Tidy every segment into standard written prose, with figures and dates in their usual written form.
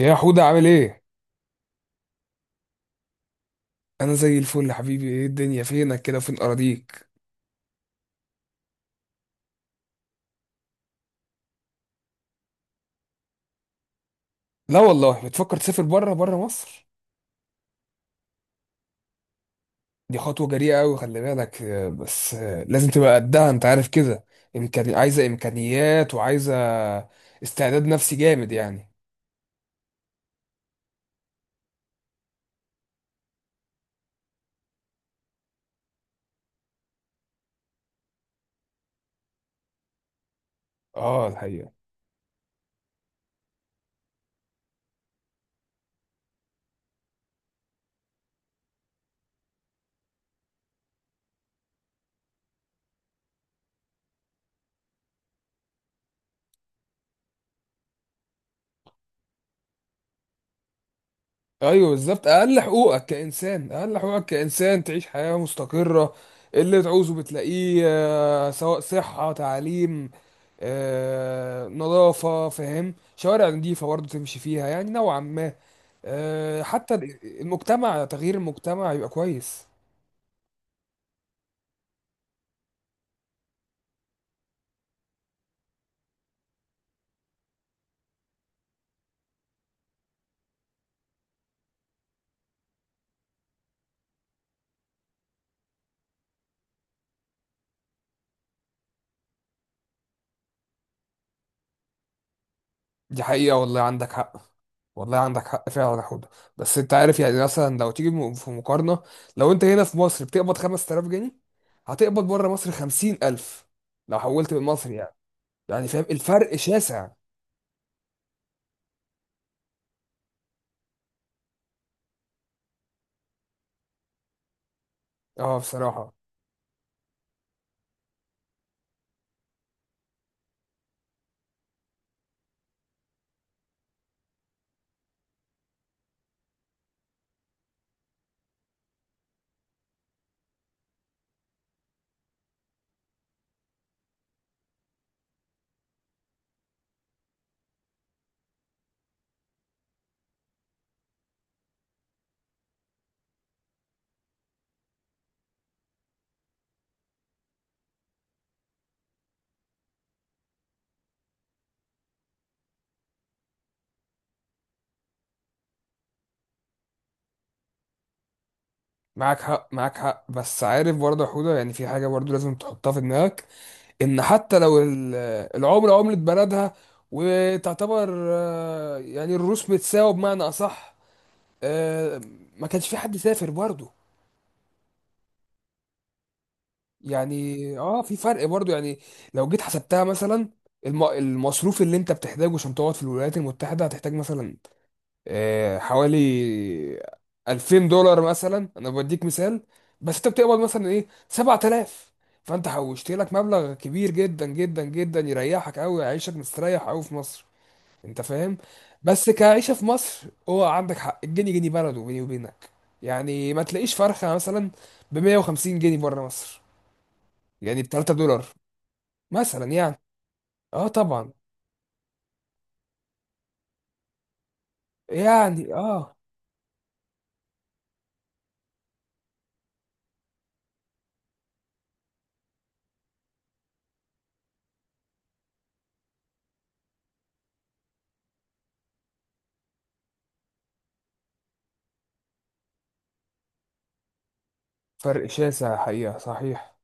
يا حودة عامل ايه؟ انا زي الفل يا حبيبي، ايه الدنيا فينك كده وفين اراضيك؟ لا والله، بتفكر تسافر بره مصر؟ دي خطوة جريئة قوي، خلي بالك. بس لازم تبقى قدها، انت عارف كده. عايزة امكانيات وعايزة استعداد نفسي جامد يعني. اه، الحقيقة. ايوه بالظبط، اقل حقوقك كانسان تعيش حياه مستقره، اللي تعوزه بتلاقيه، سواء صحه، تعليم، نظافه، فاهم، شوارع نظيفه برضه تمشي فيها يعني نوعا ما، حتى تغيير المجتمع يبقى كويس. دي حقيقة، والله عندك حق. والله عندك حق فعلا يا حوده. بس انت عارف، يعني مثلا لو تيجي في مقارنة، لو انت هنا في مصر بتقبض 5000 جنيه، هتقبض بره مصر 50000 لو حولت بالمصري يعني. يعني فاهم الفرق شاسع. اه، بصراحة. معاك حق معاك حق، بس عارف برضه يا حوده، يعني في حاجة برضه لازم تحطها في دماغك، ان حتى لو العملة عملة بلدها، وتعتبر يعني الروس متساوي بمعنى اصح. آه، ما كانش في حد سافر برضه، يعني اه في فرق برضو يعني. لو جيت حسبتها مثلا، المصروف اللي انت بتحتاجه عشان تقعد في الولايات المتحدة، هتحتاج مثلا حوالي 2000 دولار، مثلا انا بديك مثال، بس انت بتقبض مثلا ايه 7000، فانت حوشت لك مبلغ كبير جدا جدا جدا، يريحك قوي، يعيشك مستريح قوي في مصر، انت فاهم. بس كعيشة في مصر هو عندك حق، الجنيه جنيه بلده بيني وبينك. يعني ما تلاقيش فرخة مثلا ب 150 جنيه بره مصر، يعني ب 3 دولار مثلا يعني. اه طبعا. يعني اه، فرق شاسع، حقيقة صحيح.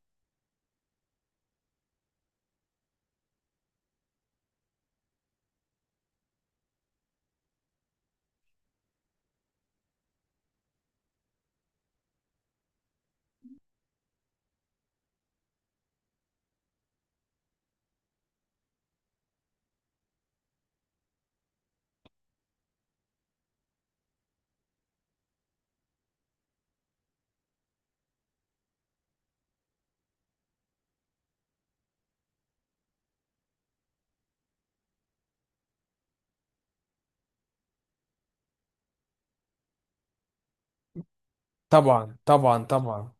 طبعا طبعا طبعا.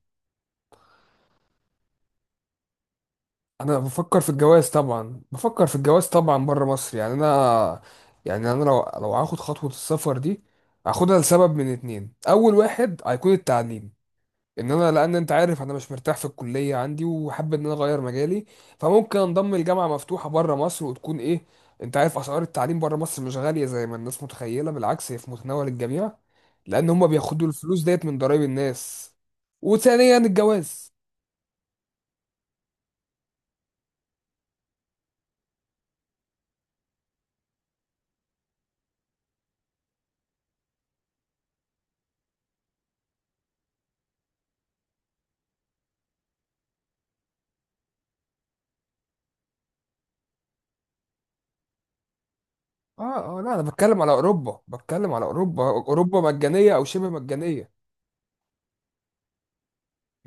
انا بفكر في الجواز طبعا، بفكر في الجواز طبعا بره مصر، يعني انا يعني انا لو هاخد خطوة السفر دي، هاخدها لسبب من اتنين. اول واحد هيكون التعليم، ان انا لان انت عارف انا مش مرتاح في الكليه عندي، وحابب ان انا اغير مجالي، فممكن انضم لجامعه مفتوحه بره مصر وتكون ايه، انت عارف اسعار التعليم بره مصر مش غاليه زي ما الناس متخيله، بالعكس هي في متناول الجميع، لان هم بياخدوا الفلوس ديت من ضرائب الناس. وثانيا الجواز. اه اه، لا انا بتكلم على اوروبا، بتكلم على اوروبا، اوروبا مجانيه او شبه مجانيه،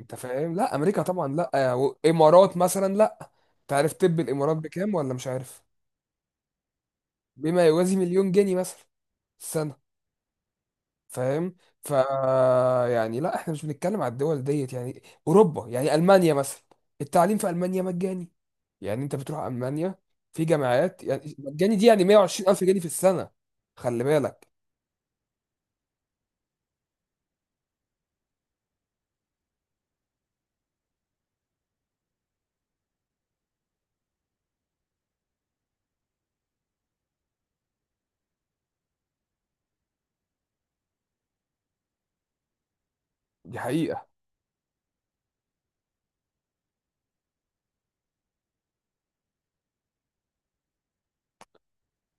انت فاهم، لا امريكا طبعا لا، وامارات مثلا لا. تعرف طب الامارات بكام ولا مش عارف؟ بما يوازي مليون جنيه مثلا، فاهم. ف يعني لا احنا مش بنتكلم على الدول ديت يعني، اوروبا يعني المانيا مثلا، التعليم في المانيا مجاني، يعني انت بتروح المانيا في جامعات يعني مجاني دي، يعني 120 الف جنيه في السنه، خلي بالك. دي حقيقه،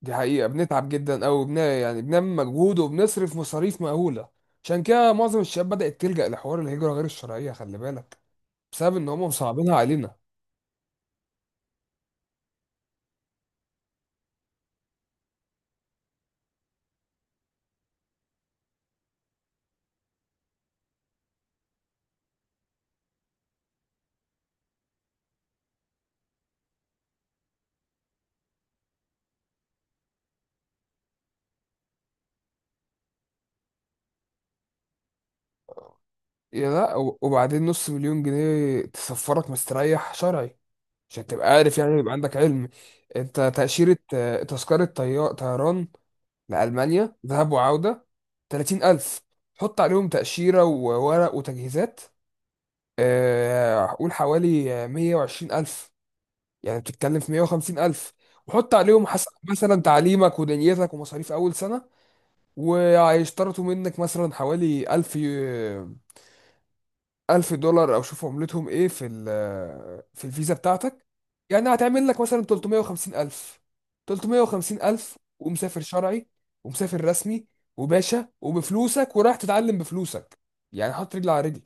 دي حقيقه، بنتعب جدا، او يعني بنعمل مجهود وبنصرف مصاريف مهوله، عشان كده معظم الشباب بدات تلجا لحوار الهجره غير الشرعيه، خلي بالك، بسبب ان هم مصعبينها علينا. يا لا، وبعدين نص مليون جنيه تسفرك مستريح شرعي، عشان تبقى عارف يعني، يبقى عندك علم. انت تأشيرة، تذكرة طيران لألمانيا ذهاب وعودة، 30000، حط عليهم تأشيرة وورق وتجهيزات، قول حوالي 120000، يعني بتتكلم في 150000، وحط عليهم حسب مثلا تعليمك ودنيتك ومصاريف أول سنة، وهيشترطوا منك مثلا حوالي 1000 1000 دولار، او شوف عملتهم ايه في في الفيزا بتاعتك. يعني هتعمل لك مثلا 350 الف، 350 الف، ومسافر شرعي، ومسافر رسمي، وباشا، وبفلوسك، ورايح تتعلم بفلوسك، يعني حط رجل على رجل،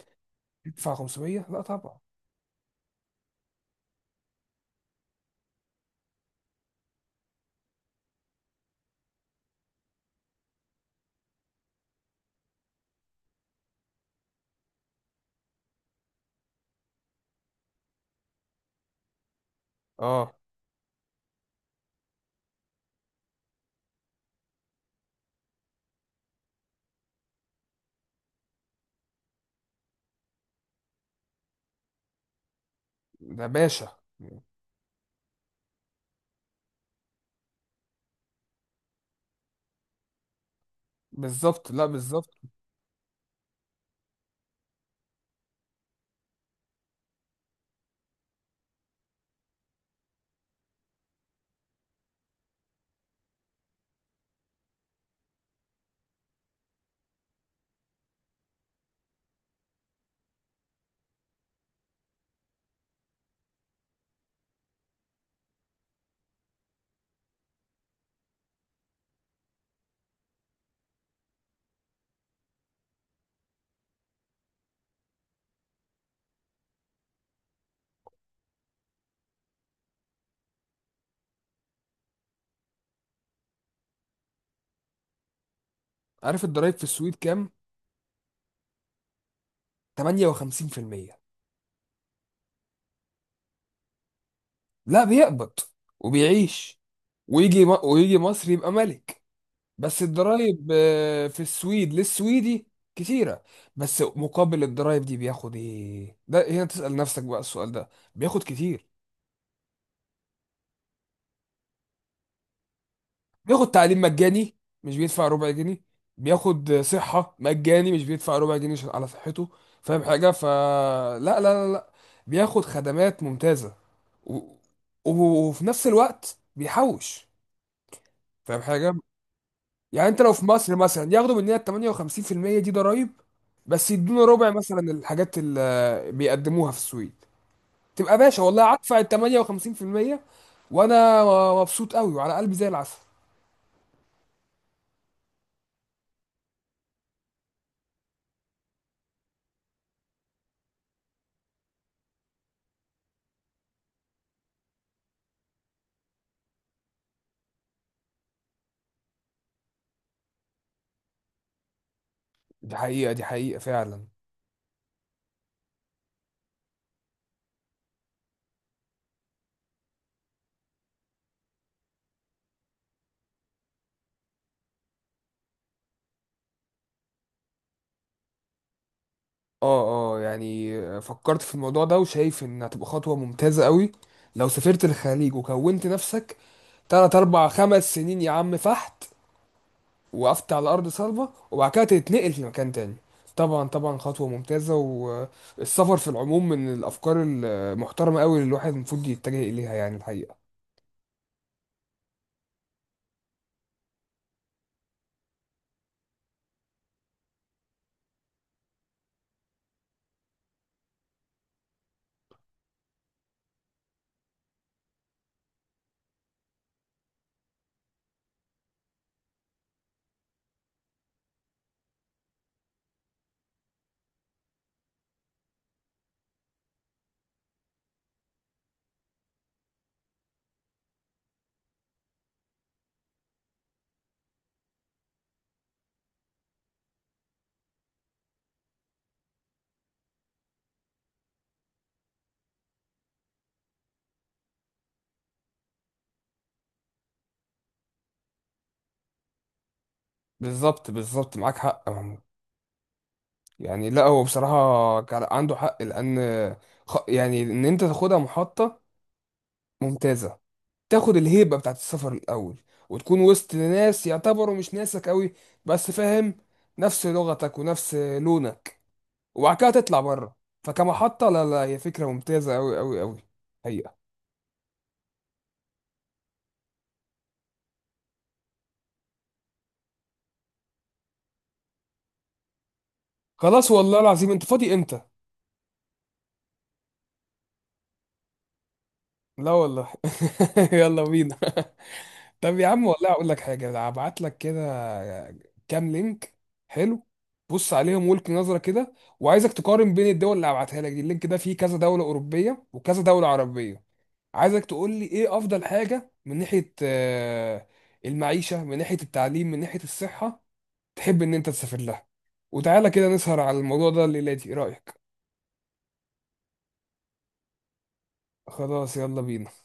تدفع 500، لا طبعا. اه، ده باشا. بالظبط، لا بالظبط. عارف الضرايب في السويد كام؟ 58%. لا، بيقبض وبيعيش. ويجي ويجي مصر يبقى ملك. بس الضرايب في السويد للسويدي كتيرة، بس مقابل الضرايب دي بياخد ايه، ده هنا تسأل نفسك بقى السؤال ده. بياخد كتير. بياخد تعليم مجاني، مش بيدفع ربع جنيه. بياخد صحة مجاني مش بيدفع ربع جنيه على صحته، فاهم حاجة؟ فلا لا لا لا لا. بياخد خدمات ممتازة، و... و- وفي نفس الوقت بيحوش، فاهم حاجة؟ يعني انت لو في مصر مثلا ياخدوا مننا ال 58% دي ضرائب، بس يدونا ربع مثلا الحاجات اللي بيقدموها في السويد، تبقى باشا والله، هدفع ال 58%، وانا مبسوط قوي وعلى قلبي زي العسل. دي حقيقة، دي حقيقة فعلا. اه اه، يعني فكرت في الموضوع ده وشايف ان هتبقى خطوة ممتازة قوي، لو سافرت الخليج وكونت نفسك تلات اربع خمس سنين، يا عم فحت، وقفت على ارض صلبه، وبعد كده تتنقل لمكان تاني. طبعا طبعا، خطوه ممتازه، والسفر في العموم من الافكار المحترمه قوي اللي الواحد المفروض يتجه اليها، يعني الحقيقه. بالظبط بالظبط، معاك حق يا محمود. يعني لا هو بصراحه كان عنده حق، لان يعني ان انت تاخدها محطه ممتازه، تاخد الهيبه بتاعت السفر الاول، وتكون وسط ناس يعتبروا مش ناسك قوي، بس فاهم، نفس لغتك ونفس لونك، وبعد كده تطلع بره، فكمحطة لا لا، هي فكرة ممتازة أوي أوي أوي، حقيقة. خلاص والله العظيم، أنت فاضي إمتى؟ لا والله يلا بينا. طب يا عم، والله أقول لك حاجة. هبعت لك كده كام لينك، حلو، بص عليهم والك نظرة كده، وعايزك تقارن بين الدول اللي هبعتها لك دي. اللينك ده فيه كذا دولة أوروبية وكذا دولة عربية، عايزك تقول لي إيه أفضل حاجة من ناحية المعيشة، من ناحية التعليم، من ناحية الصحة، تحب ان انت تسافر لها، وتعالى كده نسهر على الموضوع ده الليلة دي، ايه رأيك؟ خلاص، يلا بينا